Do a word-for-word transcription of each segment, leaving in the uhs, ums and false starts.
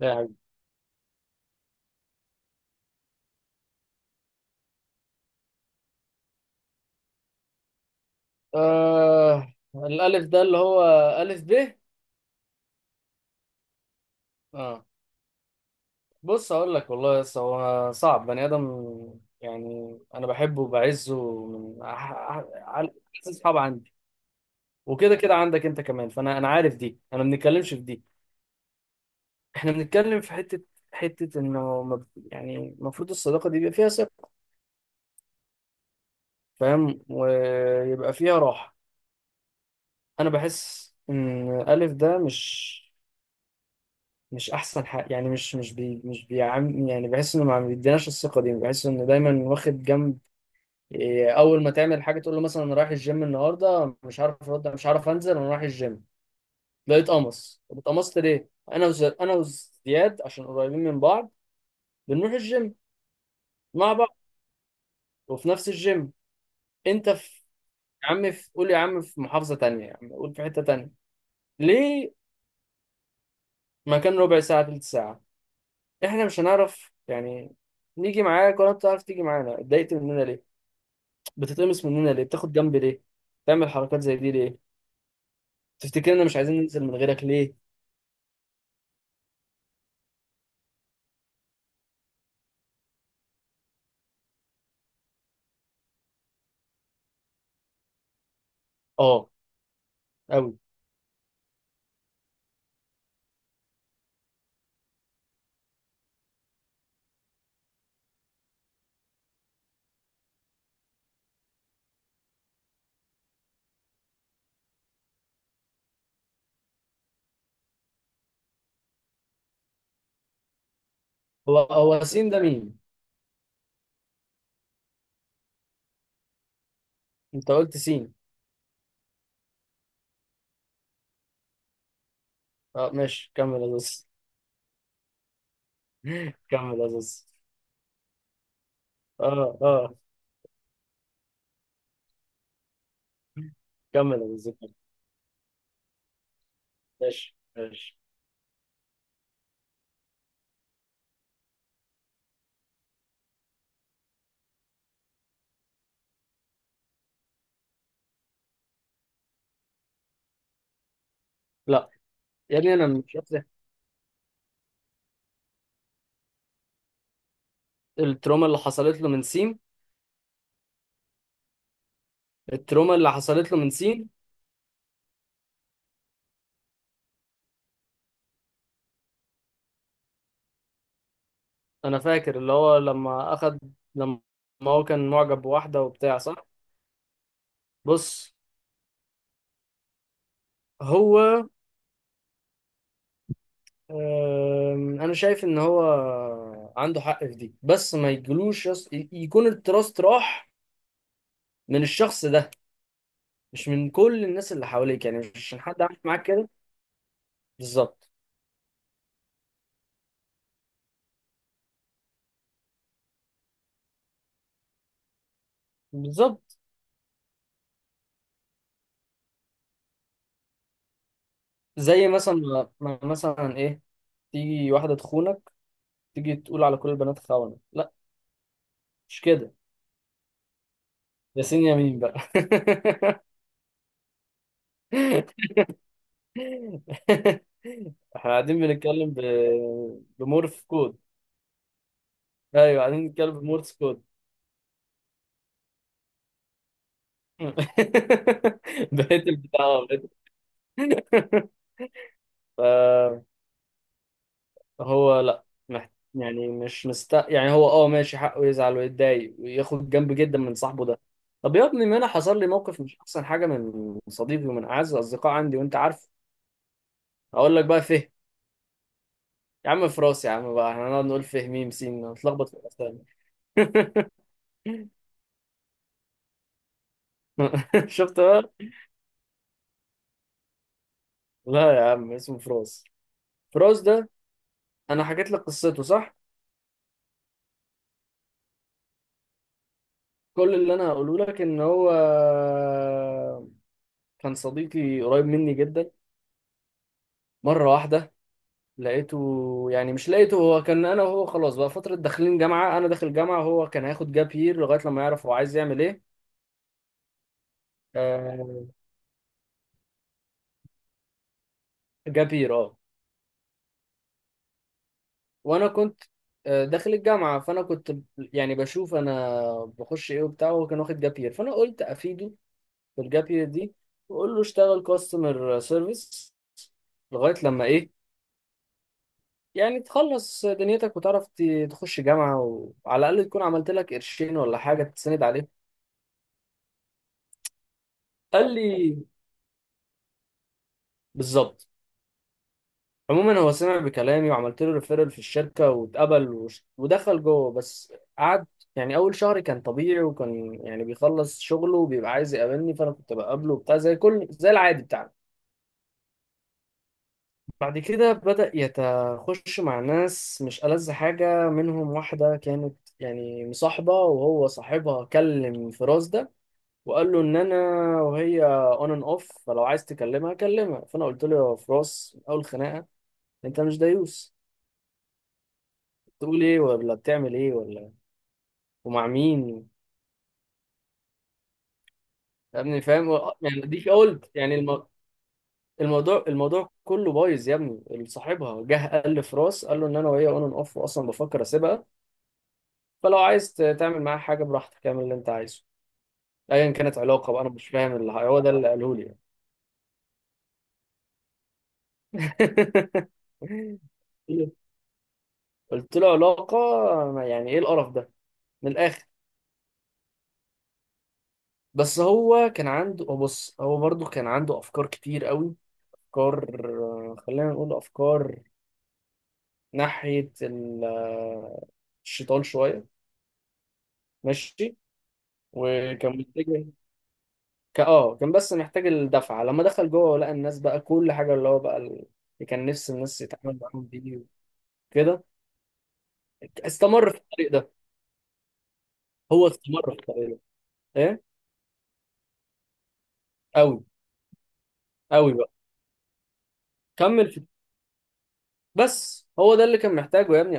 لاعب. آه الألف ده اللي هو ألف ب. آه بص أقول لك والله، بس هو صعب بني آدم. يعني أنا بحبه وبعزه من أح- أح- أعز أصحاب عندي، وكده كده عندك أنت كمان، فأنا أنا عارف دي، أنا ما بنتكلمش في دي. إحنا بنتكلم في حتة حتة إنه ما- ب- يعني المفروض الصداقة دي يبقى فيها ثقة. فاهم؟ ويبقى فيها راحة. أنا بحس إن ألف ده مش مش احسن حاجه، يعني مش مش بي مش بيعم يعني بحس انه ما بيديناش الثقه دي، بحس انه دايما واخد جنب. إيه، اول ما تعمل حاجه تقول له مثلا انا رايح الجيم النهارده، مش عارف ارد، مش عارف انزل، انا رايح الجيم تلاقيه اتقمص. طب اتقمصت ليه؟ انا وز... انا وزياد عشان قريبين من بعض بنروح الجيم مع بعض، وفي نفس الجيم انت في. يا عم في، قول يا عم في محافظه تانية، يا عم قول في حته تانية ليه؟ مكان ربع ساعه، تلت ساعه، احنا مش هنعرف يعني نيجي معاك ولا بتعرف تيجي معانا؟ اتضايقت مننا ليه؟ بتتقمص مننا ليه؟ بتاخد جنب ليه؟ بتعمل حركات زي دي ليه؟ تفتكرنا مش عايزين ننزل من غيرك ليه؟ اه، قوي. هو هو سين ده مين؟ انت قلت سين. اه ماشي، كمل يا زوز. كمل يا زوز. اه اه. كمل يا زوز، كمل. ماشي ماشي. لا يا ابني، انا مش فاكر التروما اللي حصلت له من سين. التروما اللي حصلت له من سين. انا فاكر اللي هو لما اخد، لما هو كان معجب بواحده وبتاع، صح. بص هو، أم، انا شايف ان هو عنده حق في دي، بس ما يجلوش يص... ي- يكون التراست راح من الشخص ده، مش من كل الناس اللي حواليك. يعني مش عشان حد عامل معاك كده. بالظبط. بالظبط. زي مثلا ما ما- مثلا ايه، تيجي واحده تخونك، تيجي تقول على كل البنات خونه؟ لا، مش كده. ياسين يمين بقى. احنا قاعدين بنتكلم ب... بمورف كود. ايوه، قاعدين بنتكلم بمورس كود. بقيت البتاع بقيت. فهو لا، مح- يعني مش مست، يعني هو اه ماشي حقه يزعل ويتضايق وياخد جنب جدا من صاحبه ده. طب يا ابني، ما انا حصل لي موقف مش احسن حاجه من صديقي ومن اعز الاصدقاء عندي، وانت عارف. هقول لك بقى، فهم. يا عم في راسي يا عم، بقى احنا هنقعد نقول فيه ميم سين، نتلخبط في الاسامي. شفت بقى. لا يا عم، اسمه فراس. فراس ده انا حكيت لك قصته، صح؟ كل اللي انا هقوله لك ان هو كان صديقي قريب مني جدا. مرة واحدة لقيته، يعني مش لقيته، هو كان، أنا وهو خلاص بقى فترة داخلين جامعة، أنا داخل جامعة وهو كان هياخد جاب يير لغاية لما يعرف هو عايز يعمل إيه. آه، جاب يير أه. وأنا كنت، آه، داخل الجامعة، فأنا كنت يعني بشوف أنا بخش إيه وبتاع، وهو كان واخد جاب يير، فأنا قلت أفيده بالجاب يير دي، وأقول له اشتغل كاستمر سيرفيس لغاية لما إيه، يعني تخلص دنيتك وتعرف ت- تخش جامعة، وعلى الأقل تكون عملت لك قرشين ولا حاجة تسند عليهم. قال لي بالظبط. عموما هو سمع بكلامي، وعملت له ريفيرال في الشركه واتقبل وش- ودخل جوه. بس قعد يعني اول شهر كان طبيعي، وكان يعني بيخلص شغله وبيبقى عايز يقابلني، فانا كنت بقابله وبتاع زي كل، زي العادي بتاعنا. بعد كده بدأ يتخش مع ناس مش ألذ حاجة منهم. واحدة كانت يعني مصاحبة، وهو صاحبها كلم فراس ده وقال له ان انا، وهي اون اند اوف، فلو عايز تكلمها كلمها. فانا قلت له يا فراس، من اول خناقة، انت مش دايوس. بتقول ايه ولا بتعمل ايه ولا، ومع مين؟ يا ابني فاهم؟ يعني ديك قلت يعني الم... الموضوع الموضوع كله بايظ يا ابني. صاحبها جه قال لي في راس، قال له ان انا وهي اون اند اوف، واصلا بفكر اسيبها، فلو عايز ت- تعمل معاها حاجه براحتك اعمل اللي انت عايزه، ايا كانت علاقه بقى. انا مش فاهم اللي هو ده اللي قاله لي يعني. قلت له علاقه؟ يعني ايه القرف ده من الاخر؟ بس هو كان عنده، هو بص، هو برضه كان عنده افكار كتير قوي. أفكار، خلينا نقول أفكار ناحية ال- الشيطان شوية. ماشي. وكان محتاج، كا- اه كان بس محتاج الدفعة. لما دخل جوه لقى الناس بقى كل حاجة اللي هو بقى ال- اللي كان نفس الناس يتعامل معاهم بيه كده. استمر في الطريق ده. هو استمر في الطريق ده، ايه، قوي. قوي بقى. كمل في. بس هو ده اللي كان محتاجه يا ابني.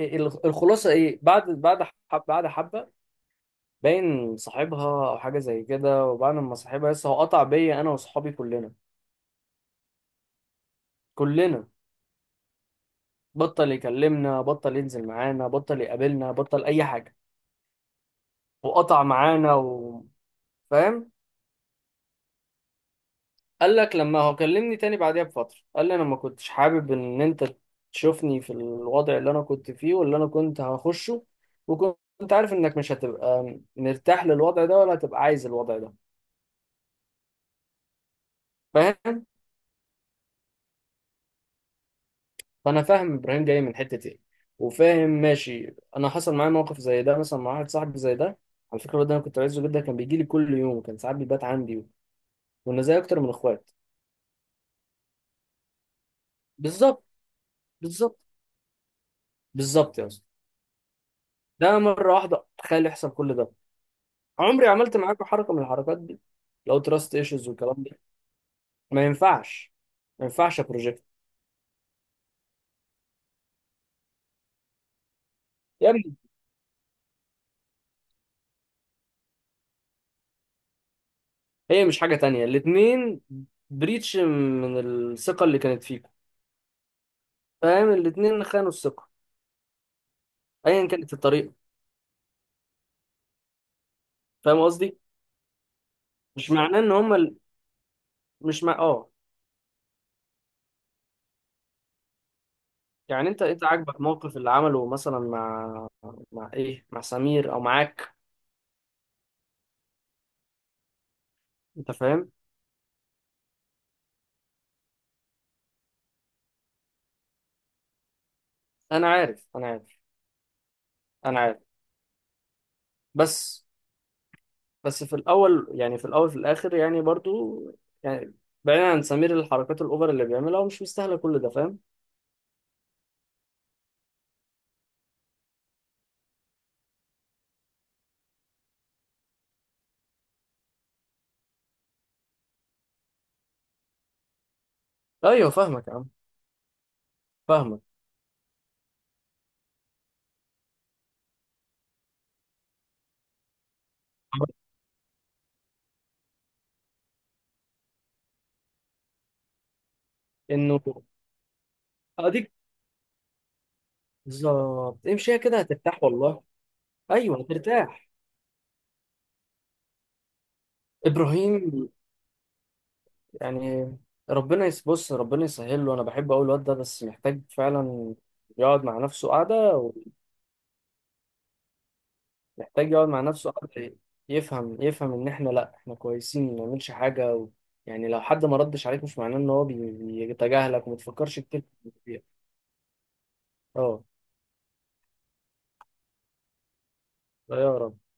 ال- الخلاصة ايه، بعد بعد حب بعد حبة باين صاحبها او حاجه زي كده، وبعد ما صاحبها لسه، هو قطع بيا انا واصحابي كلنا. كلنا. بطل يكلمنا، بطل ينزل معانا، بطل يقابلنا، بطل اي حاجه. وقطع معانا و... فاهم؟ قال لك، لما هو كلمني تاني بعديها بفتره قال لي انا ما كنتش حابب ان انت تشوفني في الوضع اللي انا كنت فيه واللي انا كنت هخشه، وكنت عارف انك مش هتبقى مرتاح للوضع ده ولا هتبقى عايز الوضع ده. فاهم؟ فانا فاهم ابراهيم جاي من حته ايه، وفاهم، ماشي، انا حصل معايا موقف زي ده مثلا، مع واحد صاحبي زي ده. على فكره الواد ده انا كنت عايزه جدا، كان بيجي لي كل يوم، كان ساعات بيبات عندي، وانا زي اكتر من اخوات. بالظبط. بالظبط بالظبط يا اسطى. ده مره واحده تخيل يحصل كل ده. عمري عملت معاك حركه من الحركات دي؟ لو تراست ايشوز والكلام ده، ما ينفعش. ما ينفعش يا بروجكت. يا ابني هي مش حاجه تانية، الاتنين بريتش من الثقه اللي كانت فيكم. فاهم؟ الاتنين خانوا الثقه، ايا كانت الطريقه. فاهم قصدي؟ مش معناه ان هم ال... مش مع، اه، يعني انت انت عاجبك موقف اللي عمله مثلا مع، مع ايه، مع سمير او معاك؟ انت فاهم. انا عارف، انا عارف، انا عارف. بس بس في الاول يعني، في الاول في الاخر يعني برضو، يعني بعيدا عن سمير، الحركات الاوفر اللي بيعملها هو مش مستاهله كل ده، فاهم؟ ايوه فاهمك يا عم. فاهمك انه اديك، بالظبط، امشيها كده هترتاح والله. ايوه هترتاح. ابراهيم يعني، ربنا يس- بص ربنا يسهل له. انا بحب اقول الواد ده بس محتاج فعلا يقعد مع نفسه قعده. ومحتاج يقعد مع نفسه قعده، يفهم، يفهم ان احنا لا، احنا كويسين ما نعملش حاجه و... يعني لو حد ما ردش عليك، مش معناه ان هو بي- بيتجاهلك وما تفكرش كتير فيها. اه. لا يا رب.